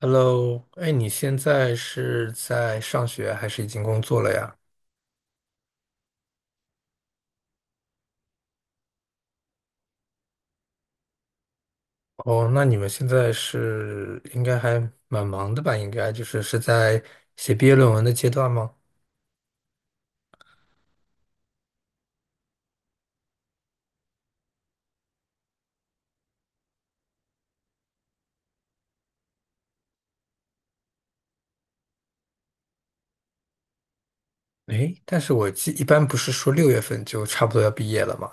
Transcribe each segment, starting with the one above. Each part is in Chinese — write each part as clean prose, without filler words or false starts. Hello，哎，你现在是在上学还是已经工作了呀？哦，那你们现在是应该还蛮忙的吧？应该就是在写毕业论文的阶段吗？哎，但是我记一般不是说六月份就差不多要毕业了吗？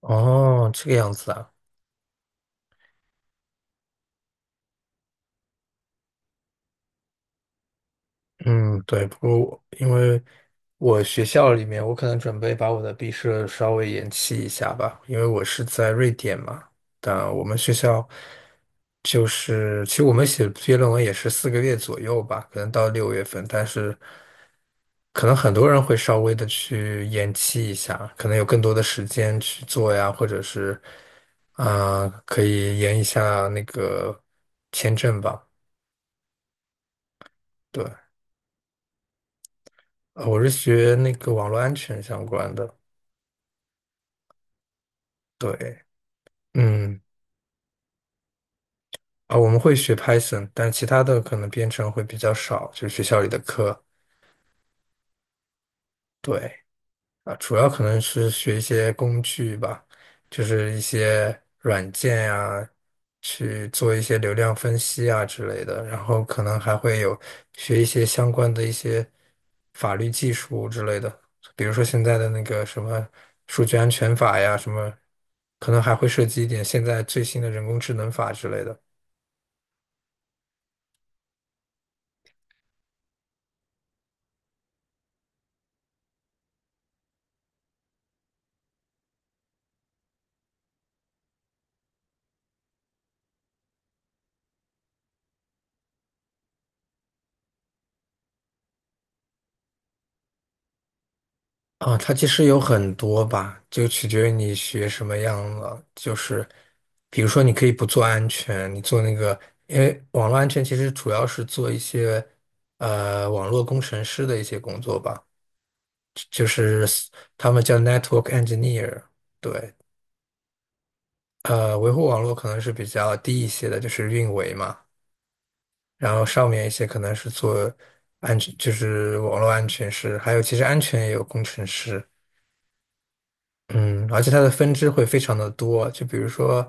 哦，这个样子啊。嗯，对，不过我因为我学校里面，我可能准备把我的毕设稍微延期一下吧，因为我是在瑞典嘛。但我们学校就是，其实我们写毕业论文也是四个月左右吧，可能到六月份，但是可能很多人会稍微的去延期一下，可能有更多的时间去做呀，或者是啊、可以延一下那个签证吧。对，我是学那个网络安全相关的。对，嗯，啊，我们会学 Python,但其他的可能编程会比较少，就是学校里的课。对，啊，主要可能是学一些工具吧，就是一些软件呀，去做一些流量分析啊之类的，然后可能还会有学一些相关的一些法律技术之类的，比如说现在的那个什么数据安全法呀，什么，可能还会涉及一点现在最新的人工智能法之类的。啊，它其实有很多吧，就取决于你学什么样了。就是，比如说，你可以不做安全，你做那个，因为网络安全其实主要是做一些网络工程师的一些工作吧，就是他们叫 network engineer。对，呃，维护网络可能是比较低一些的，就是运维嘛。然后上面一些可能是做安全，就是网络安全师，还有其实安全也有工程师。嗯，而且它的分支会非常的多，就比如说，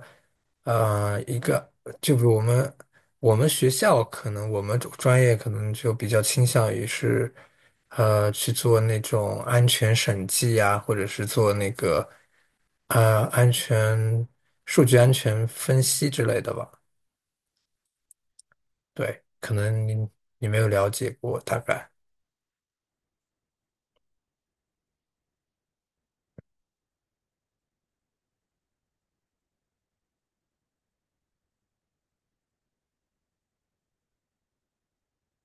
呃，一个，就比如我们学校可能我们专业可能就比较倾向于是，呃，去做那种安全审计呀，或者是做那个，呃，数据安全分析之类的吧。对，可能你没有了解过，大概，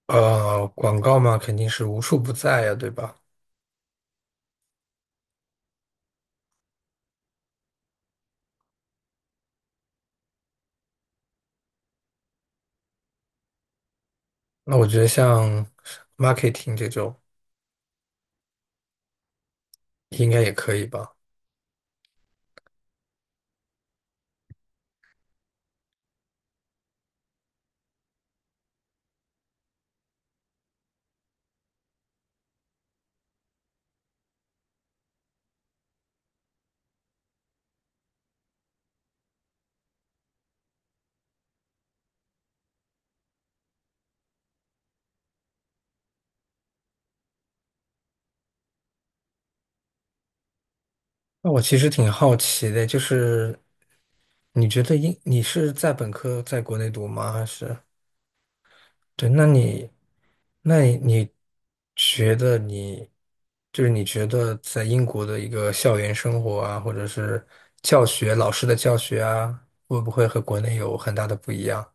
呃，广告嘛，肯定是无处不在呀，对吧？那我觉得像 marketing 这种。应该也可以吧？那我其实挺好奇的，就是你觉得英你是在本科在国内读吗？还是对？那那你你你就是你觉得在英国的一个校园生活啊，或者是教学老师的教学啊，会不会和国内有很大的不一样？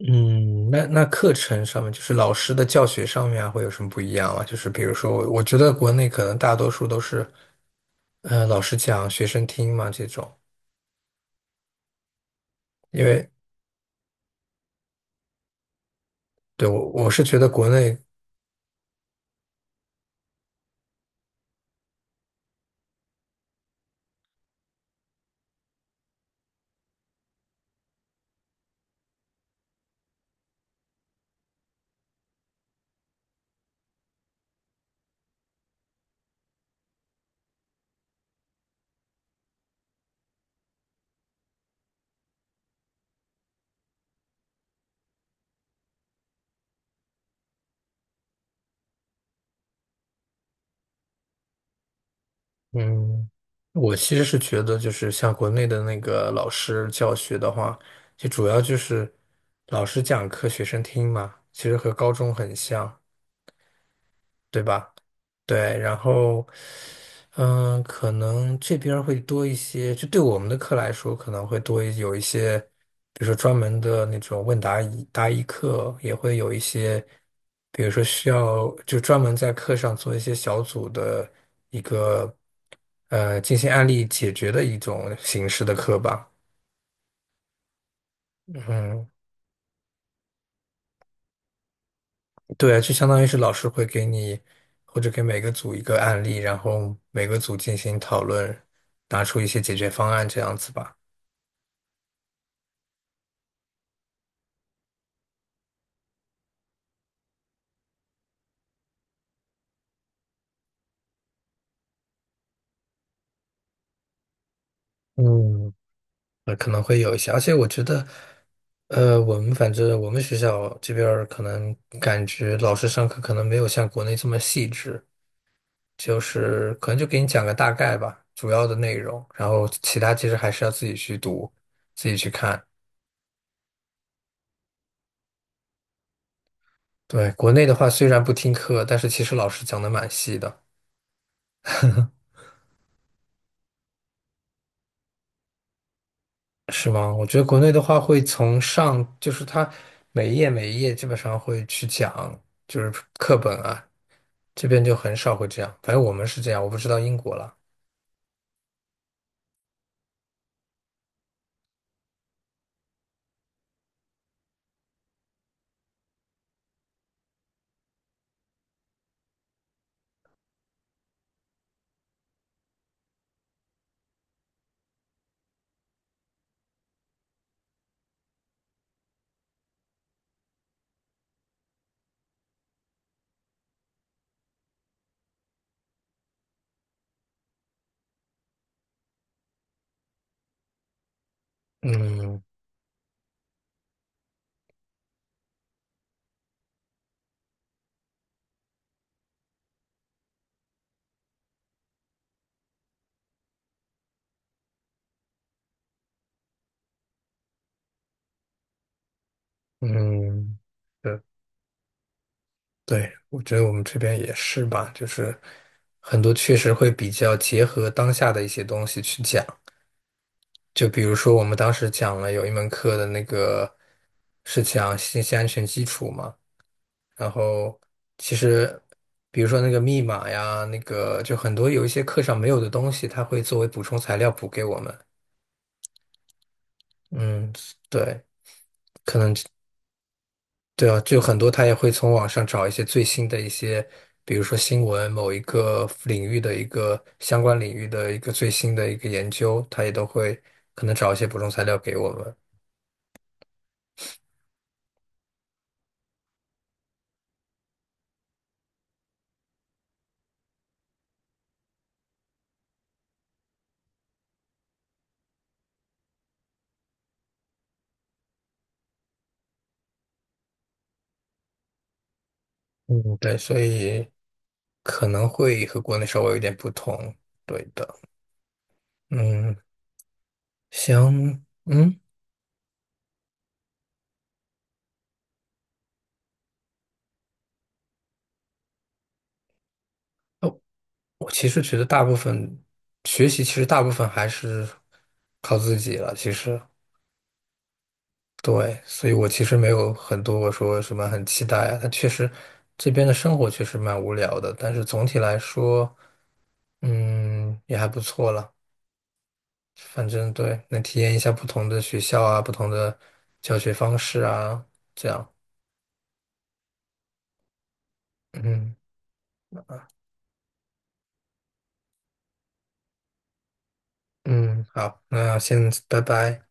嗯，那那课程上面，就是老师的教学上面啊，会有什么不一样吗？就是比如说我觉得国内可能大多数都是呃，老师讲，学生听嘛这种，因为对我是觉得国内，嗯，我其实是觉得就是像国内的那个老师教学的话，就主要就是老师讲课，学生听嘛，其实和高中很像。对吧？对，然后，嗯，可能这边儿会多一些，就对我们的课来说，可能会有一些，比如说专门的那种问答疑答疑课，也会有一些，比如说需要就专门在课上做一些小组的一个进行案例解决的一种形式的课吧。嗯，对啊，就相当于是老师会给你，或者给每个组一个案例，然后每个组进行讨论，拿出一些解决方案这样子吧。嗯，可能会有一些，而且我觉得，呃，反正我们学校这边儿可能感觉老师上课可能没有像国内这么细致，就是可能就给你讲个大概吧，主要的内容，然后其他其实还是要自己去读，自己去看。对，国内的话虽然不听课，但是其实老师讲的蛮细的。是吗？我觉得国内的话会从上，就是它每一页每一页基本上会去讲，就是课本啊，这边就很少会这样。反正我们是这样，我不知道英国了。嗯嗯，对对，我觉得我们这边也是吧，就是很多确实会比较结合当下的一些东西去讲。就比如说，我们当时讲了有一门课的那个是讲信息安全基础嘛，然后其实，比如说那个密码呀，那个就很多有一些课上没有的东西，他会作为补充材料补给我们。嗯，对，可能对啊，就很多他也会从网上找一些最新的一些，比如说新闻某一个领域的一个相关领域的一个最新的一个研究，他也都会可能找一些补充材料给我们。嗯，对，所以可能会和国内稍微有点不同。对的，嗯，行，嗯。哦。我其实觉得大部分学习，其实大部分还是靠自己了。其实，对，所以我其实没有很多我说什么很期待啊。但确实，这边的生活确实蛮无聊的，但是总体来说，嗯，也还不错了。反正对，能体验一下不同的学校啊，不同的教学方式啊，这样。嗯嗯，好，那先拜拜。